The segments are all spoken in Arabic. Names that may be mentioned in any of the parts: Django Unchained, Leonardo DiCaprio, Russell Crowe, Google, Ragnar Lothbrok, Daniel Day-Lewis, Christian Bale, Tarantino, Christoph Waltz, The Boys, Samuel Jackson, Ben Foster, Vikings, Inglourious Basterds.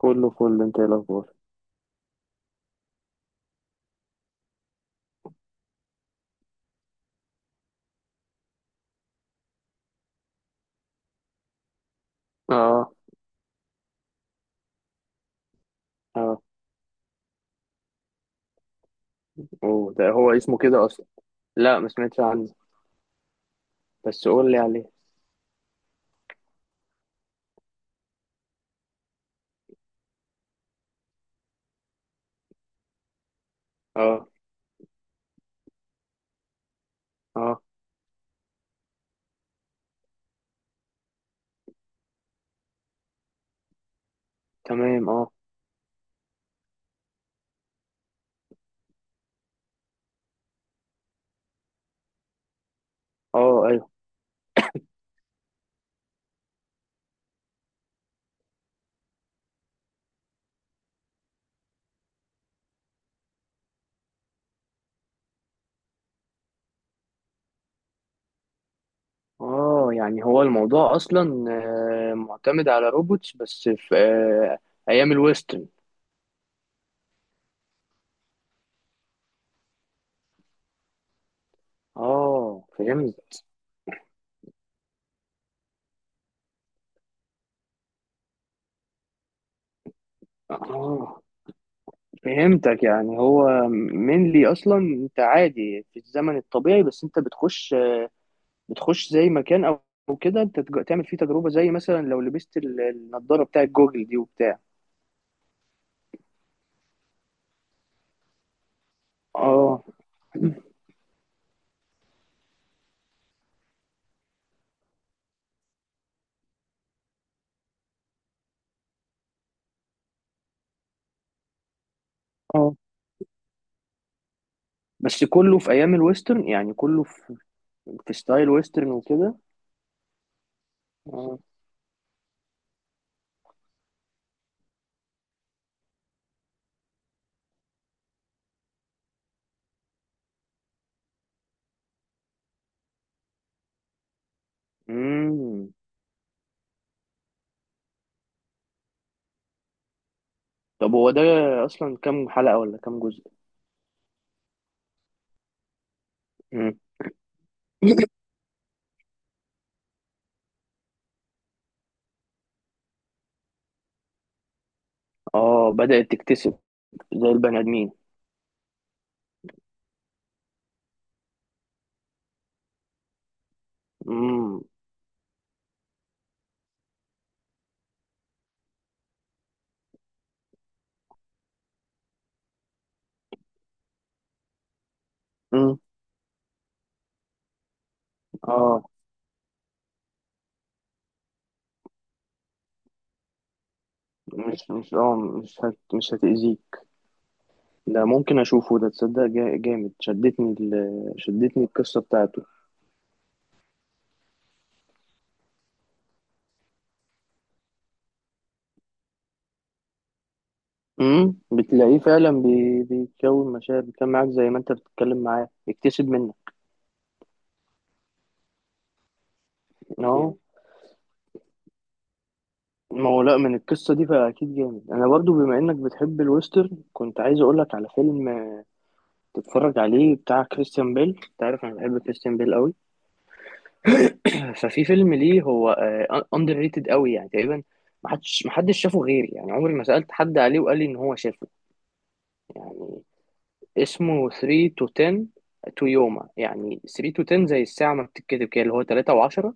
كله فل. انت ايه الاخبار؟ اه. اه. اوه، ده هو اسمه كده اصلا. لا، ما سمعتش عنه. بس قول لي عليه. اه. اه. تمام. اه. اه. ايوه. اه، يعني هو الموضوع اصلا معتمد على روبوتس بس في ايام الويسترن. اه، فهمت. اه، فهمتك، يعني هو mainly اصلا انت عادي في الزمن الطبيعي، بس انت بتخش زي مكان، أو كده انت تعمل فيه تجربه، زي مثلا لو لبست النضاره بتاعت جوجل دي وبتاع. اه. اه، بس كله في ايام الويسترن، يعني كله في ستايل ويسترن وكده. اه. امم. طب هو ده اصلا كام حلقه ولا كام جزء؟ امم. اه، بدأت تكتسب زي البني ادمين. امم. امم. اه، مش اه، مش هتأذيك. ده ممكن اشوفه، ده تصدق جامد، شدتني القصه بتاعته. امم، بتلاقيه فعلا بيتكون مشاعر، بيتكلم معاك زي ما انت بتتكلم معاه، بيكتسب منك. ان هو، ما هو لا، من القصه دي فاكيد جامد. انا برضو بما انك بتحب الويسترن كنت عايز اقول لك على فيلم تتفرج عليه، بتاع كريستيان بيل. انت عارف انا بحب كريستيان بيل قوي. ففي فيلم ليه، هو اندر ريتد قوي، يعني تقريبا ما حدش شافه غيري، يعني عمري ما سالت حد عليه وقال لي ان هو شافه، يعني. اسمه 3 to 10 to يوما، يعني 3 to 10 زي الساعة ما بتتكتب كده، اللي هو 3 و10.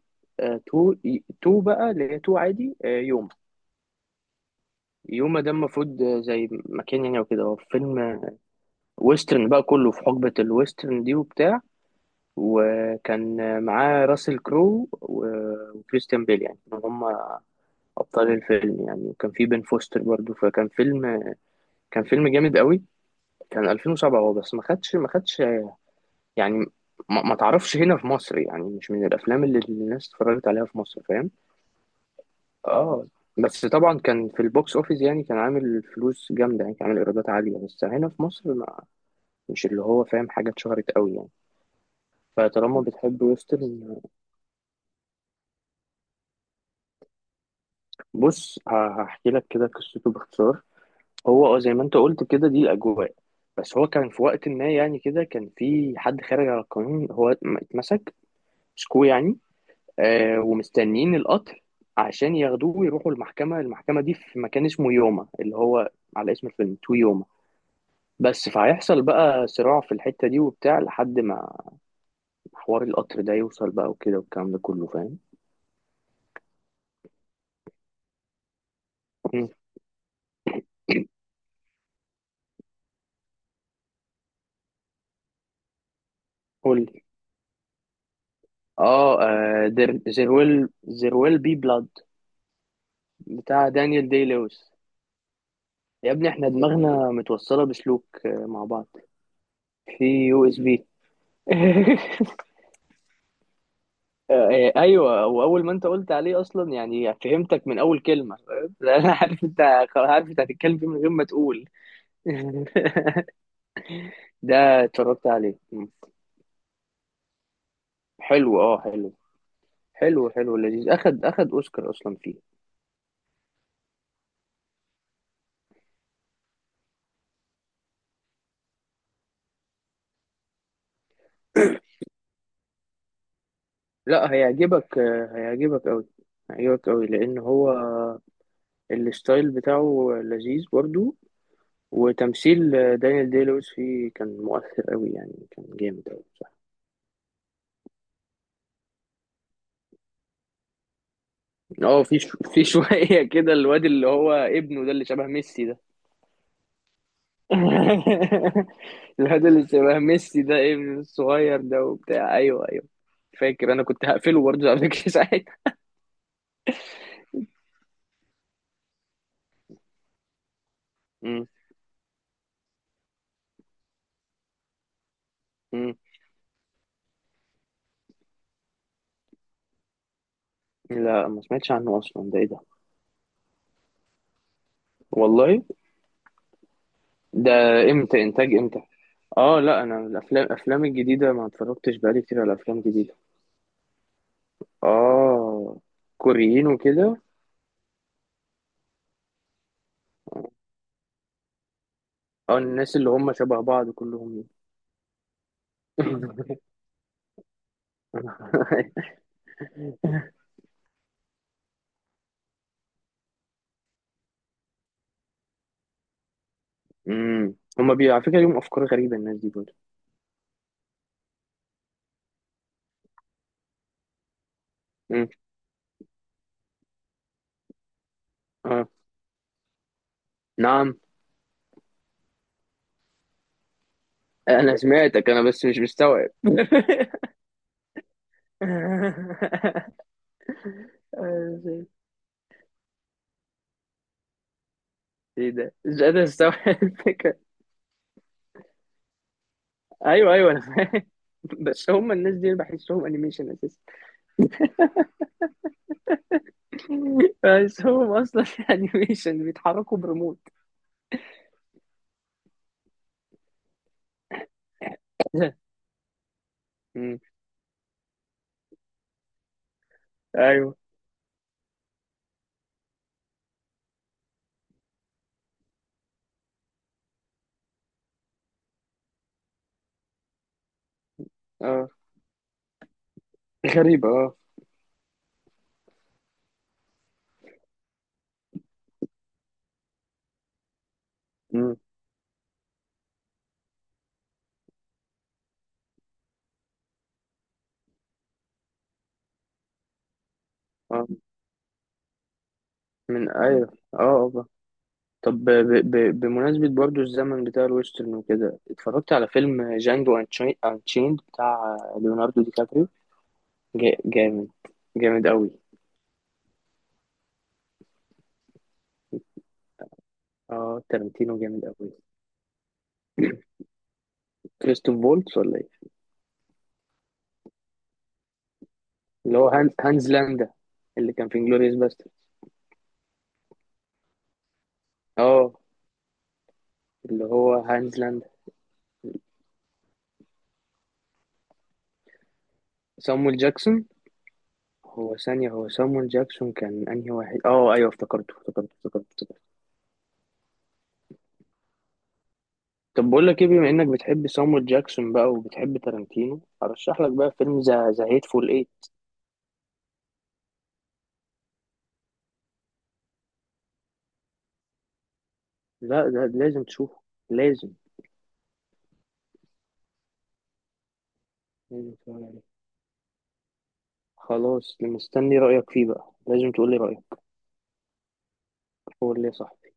تو تو بقى، اللي هي تو عادي يوما. يوما ده المفروض زي مكان يعني وكده. هو فيلم ويسترن بقى، كله في حقبة الويسترن دي وبتاع. وكان معاه راسل كرو وكريستيان بيل، يعني هم أبطال الفيلم يعني. وكان في بن فوستر برضو. فكان فيلم كان فيلم جامد قوي. كان 2007 هو، بس ما خدش يعني، ما تعرفش هنا في مصر، يعني مش من الافلام اللي الناس اتفرجت عليها في مصر، فاهم. اه، بس طبعا كان في البوكس اوفيس، يعني كان عامل فلوس جامده، يعني كان عامل ايرادات عاليه، بس هنا في مصر ما مش اللي هو فاهم، حاجه اتشهرت قوي يعني. فطالما بتحب ويسترن، بص، هحكي لك كده قصته باختصار. هو اه، زي ما انت قلت كده دي الاجواء. بس هو كان في وقت ما، يعني كده كان في حد خارج على القانون، هو اتمسك مسكوه يعني، ومستنيين القطر عشان ياخدوه ويروحوا المحكمة دي في مكان اسمه يوما، اللي هو على اسم الفيلم، تو يوما. بس فهيحصل بقى صراع في الحتة دي وبتاع لحد ما حوار القطر ده يوصل بقى، وكده والكلام ده كله، فاهم. مم. قول لي. اه، ذير ويل بي بلاد بتاع دانيال دي لويس. يا ابني، احنا دماغنا متوصلة بسلوك مع بعض في USB. ايوه، واول ما انت قلت عليه اصلا يعني فهمتك من اول كلمه، فاهم؟ لأن انا عارف انت، خلاص عارف انت هتتكلم فيه من غير ما تقول. ده اتفرجت عليه. مم. حلو. اه، حلو. حلو حلو لذيذ، اخد اوسكار اصلا فيه. لا، هيعجبك، هيعجبك قوي. هيعجبك قوي لان هو الستايل بتاعه لذيذ برضو. وتمثيل دانيال دي لويس فيه كان مؤثر قوي، يعني كان جامد قوي بصراحه. اه، في شويه كده الواد اللي هو ابنه ده اللي شبه ميسي ده. الواد اللي شبه ميسي ده، ابن الصغير ده وبتاع، ايوه ايوه. فاكر انا كنت هقفله برضه قبل كده، ساعتها. مم. مم. لا، ما سمعتش عنه اصلا، ده ايه ده؟ والله. ده امتى، انتاج امتى؟ اه لا، انا الافلام الجديده ما اتفرجتش، بقالي كتير على افلام جديده. اه، كوريين وكده. اه، الناس اللي هم شبه بعض كلهم. امم، هم بي، على فكره ليهم افكار غريبه الناس دي برضه. امم. اه. نعم، انا سمعتك انا، بس مش مستوعب. ايه ده، مش قادر استوعب الفكره. ايوه ايوه، انا فاهم، بس هم الناس دي أنا بحسهم انيميشن اساسا. بس هم اصلا انيميشن بيتحركوا بريموت. مم. ايوه. اه، غريبة. اه. مم. اه. من، ايوه، اه، آه. طب بمناسبة برضو الزمن بتاع الويسترن وكده اتفرجت على فيلم جانجو انشيند بتاع ليوناردو دي كابريو. جامد، جامد قوي. اه، تارانتينو جامد قوي. كريستوف فولتس ولا ايه؟ اللي هو هانز لاندا، اللي كان في انجلوريوس باستر. اه، اللي هو هانز لاندا. سامويل جاكسون. هو ثانية سامويل جاكسون كان انهي واحد؟ اه، ايوه افتكرته افتكرته افتكرته افتكرته. طب بقول لك ايه، بما انك بتحب سامويل جاكسون بقى وبتحب تارانتينو، ارشح لك بقى فيلم ذا هيتفول ايه. لا، ده لازم تشوفه، لازم. لازم تتفرج عليه. خلاص مستني رأيك فيه بقى، لازم تقولي رأيك. قول لي يا صاحبي.